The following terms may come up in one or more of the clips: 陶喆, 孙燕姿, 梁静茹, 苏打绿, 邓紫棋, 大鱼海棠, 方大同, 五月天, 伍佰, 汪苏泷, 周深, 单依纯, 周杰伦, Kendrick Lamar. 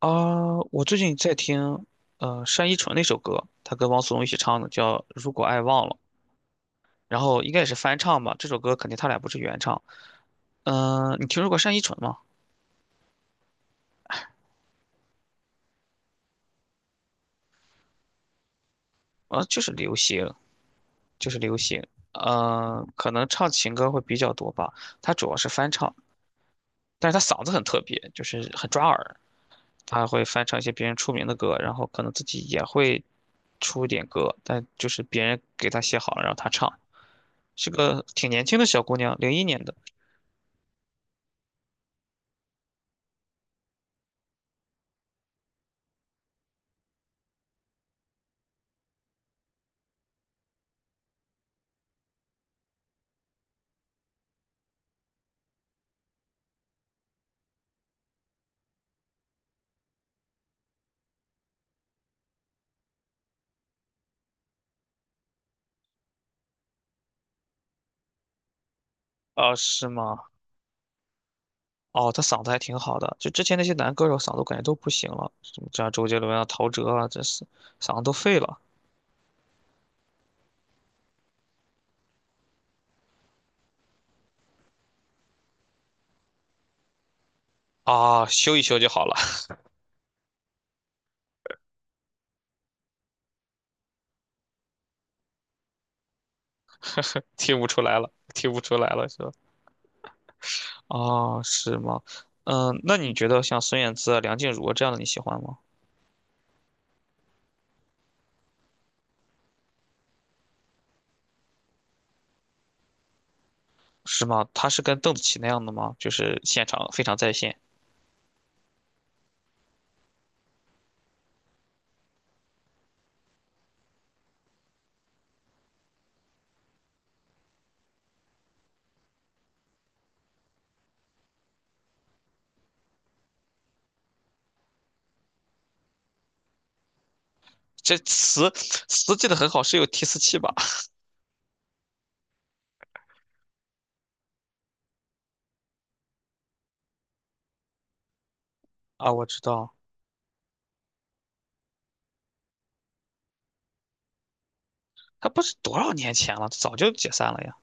啊，我最近在听，单依纯那首歌，她跟汪苏泷一起唱的，叫《如果爱忘了》，然后应该也是翻唱吧。这首歌肯定他俩不是原唱。嗯、你听说过单依纯吗？啊，就是流行，就是流行。嗯，可能唱情歌会比较多吧。她主要是翻唱，但是她嗓子很特别，就是很抓耳。她会翻唱一些别人出名的歌，然后可能自己也会出一点歌，但就是别人给她写好了然后她唱。是个挺年轻的小姑娘，零一年的。啊，是吗？哦，他嗓子还挺好的，就之前那些男歌手嗓子我感觉都不行了，什么像周杰伦啊、陶喆啊，这是嗓子都废了啊，修一修就好了，听不出来了，听不出来了是吧？哦，是吗？嗯，那你觉得像孙燕姿啊、梁静茹啊这样的你喜欢吗？是吗？他是跟邓紫棋那样的吗？就是现场非常在线，这词记得很好，是有提词器吧？啊，我知道，他不是多少年前了，早就解散了呀。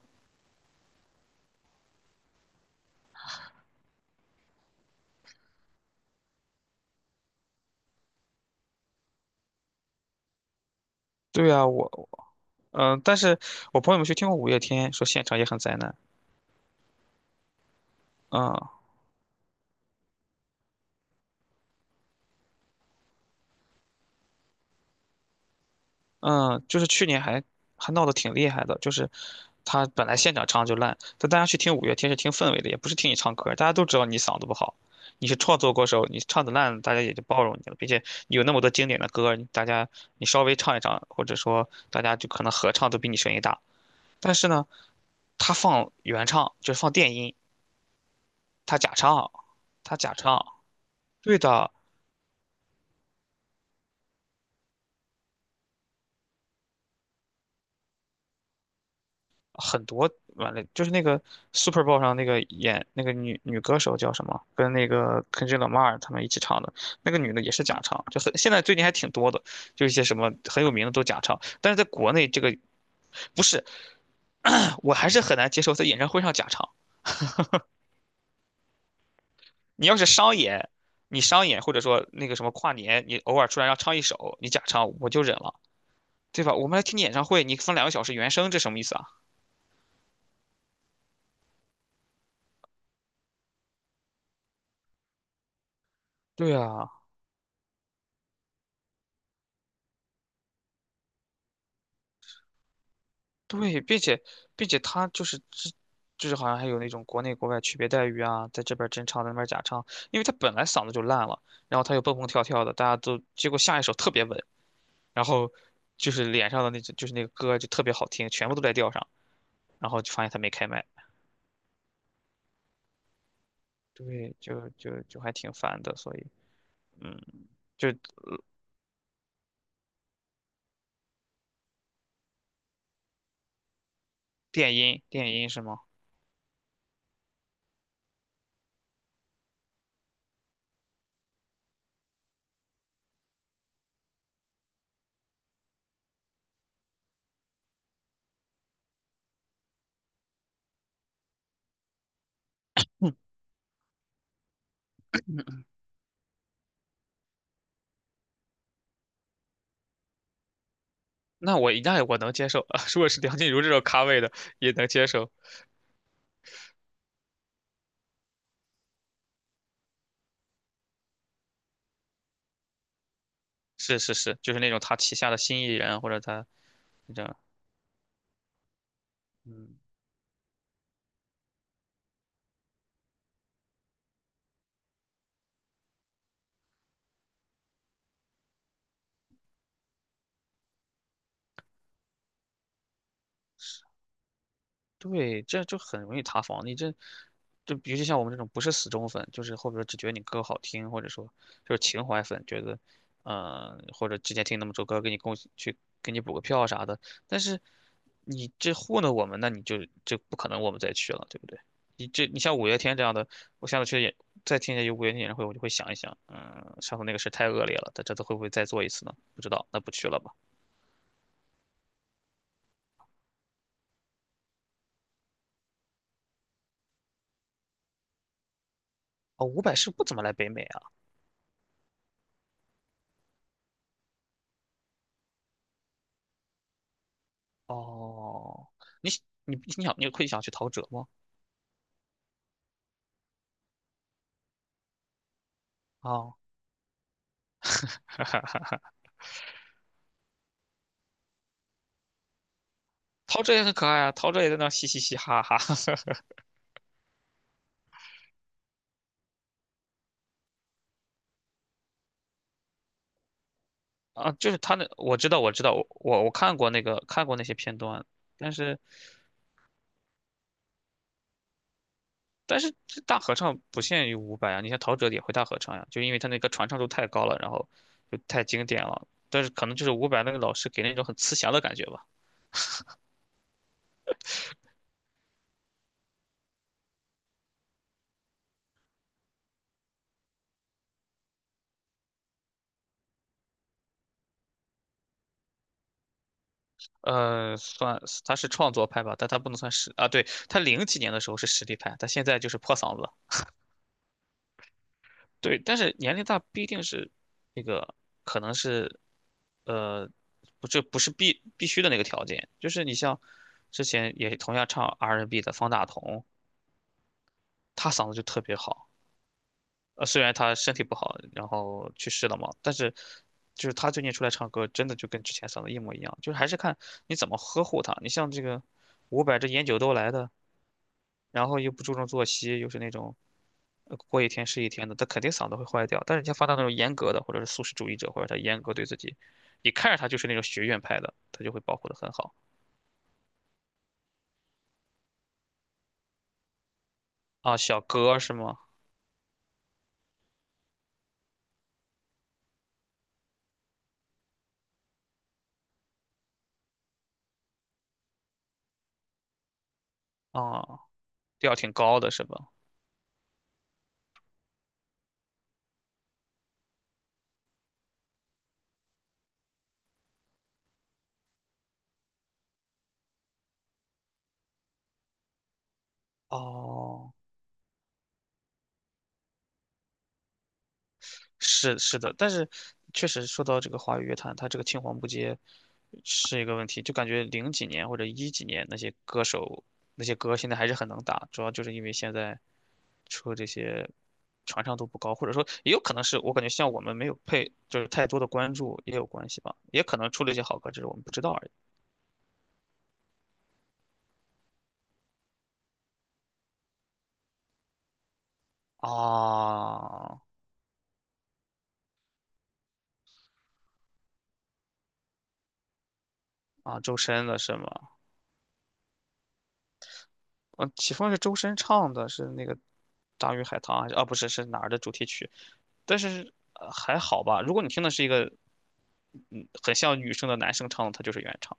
对啊，我，嗯、但是我朋友们去听过五月天，说现场也很灾难。嗯嗯，就是去年还闹得挺厉害的，就是他本来现场唱就烂，但大家去听五月天是听氛围的，也不是听你唱歌，大家都知道你嗓子不好，你是创作歌手，你唱的烂，大家也就包容你了，并且你有那么多经典的歌，你大家你稍微唱一唱，或者说大家就可能合唱都比你声音大。但是呢，他放原唱，就是放电音，他假唱，他假唱，对的，很多完了，就是那个 Super Bowl 上那个演那个女歌手叫什么，跟那个 Kendrick Lamar 他们一起唱的，那个女的也是假唱，就很现在最近还挺多的，就一些什么很有名的都假唱，但是在国内这个不是，我还是很难接受在演唱会上假唱。你要是商演，你商演或者说那个什么跨年，你偶尔出来让唱一首，你假唱我就忍了，对吧？我们来听你演唱会，你放两个小时原声，这什么意思啊？对啊。对，并且他就是之，就是好像还有那种国内国外区别待遇啊，在这边儿真唱，在那边儿假唱，因为他本来嗓子就烂了，然后他又蹦蹦跳跳的，大家都结果下一首特别稳，然后就是脸上的那只就是那个歌就特别好听，全部都在调上，然后就发现他没开麦，对，就还挺烦的，所以嗯，就电音电音是吗？那我能接受，如果是梁静茹这种咖位的也能接受，是是是，就是那种他旗下的新艺人或者他这样，嗯，对，这就很容易塌房。你这，就尤其像我们这种不是死忠粉，就是后边只觉得你歌好听，或者说就是情怀粉，觉得，嗯，或者之前听那么首歌，给你贡去给你补个票啥的。但是你这糊弄我们，那你就就不可能我们再去了，对不对？你这你像五月天这样的，我下次去演再听一下有五月天演唱会，我就会想一想，嗯，上次那个事太恶劣了，他这次会不会再做一次呢？不知道，那不去了吧。哦，伍佰是不怎么来北美啊。哦，你你想你会想去陶喆吗？啊、陶喆也很可爱啊，陶喆也在那儿嘻嘻嘻哈哈 啊，就是他那我知道我看过那个看过那些片段，但是但是这大合唱不限于伍佰啊，你像陶喆也会大合唱呀、就因为他那个传唱度太高了，然后就太经典了。但是可能就是伍佰那个老师给那种很慈祥的感觉吧。算他是创作派吧，但他不能算实啊。对，他零几年的时候是实力派，他现在就是破嗓子。对，但是年龄大不一定是那个，可能是，呃，不，这不是必须的那个条件。就是你像之前也同样唱 R&B n 的方大同，他嗓子就特别好。呃，虽然他身体不好，然后去世了嘛，但是就是他最近出来唱歌，真的就跟之前嗓子一模一样。就是还是看你怎么呵护他。你像这个伍佰这烟酒都来的，然后又不注重作息，又是那种呃过一天是一天的，他肯定嗓子会坏掉。但是人家发到那种严格的，或者是素食主义者，或者他严格对自己，你看着他就是那种学院派的，他就会保护的很好啊。小哥是吗？啊，调挺高的是吧？哦。是是的，但是确实说到这个华语乐坛，它这个青黄不接是一个问题，就感觉零几年或者一几年那些歌手那些歌现在还是很能打，主要就是因为现在出这些传唱度不高，或者说也有可能是我感觉像我们没有配就是太多的关注也有关系吧，也可能出了一些好歌，只是我们不知道而已。啊啊，周深的是吗？嗯，起风是周深唱的，是那个《大鱼海棠》还是啊？不是，是哪儿的主题曲？但是呃还好吧。如果你听的是一个，嗯，很像女生的男生唱的，他就是原唱。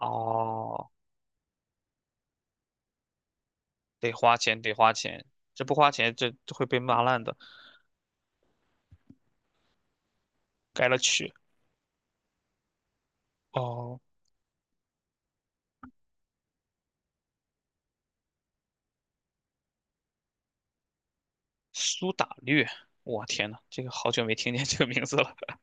哦，得花钱，得花钱，这不花钱，这这会被骂烂的。改了曲，哦，苏打绿，我天呐，这个好久没听见这个名字了。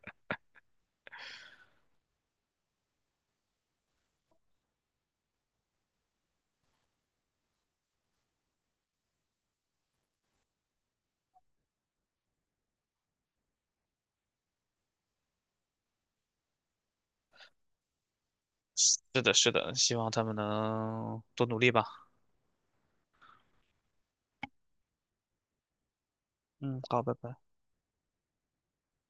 是的，是的，希望他们能多努力吧。嗯，好，拜拜。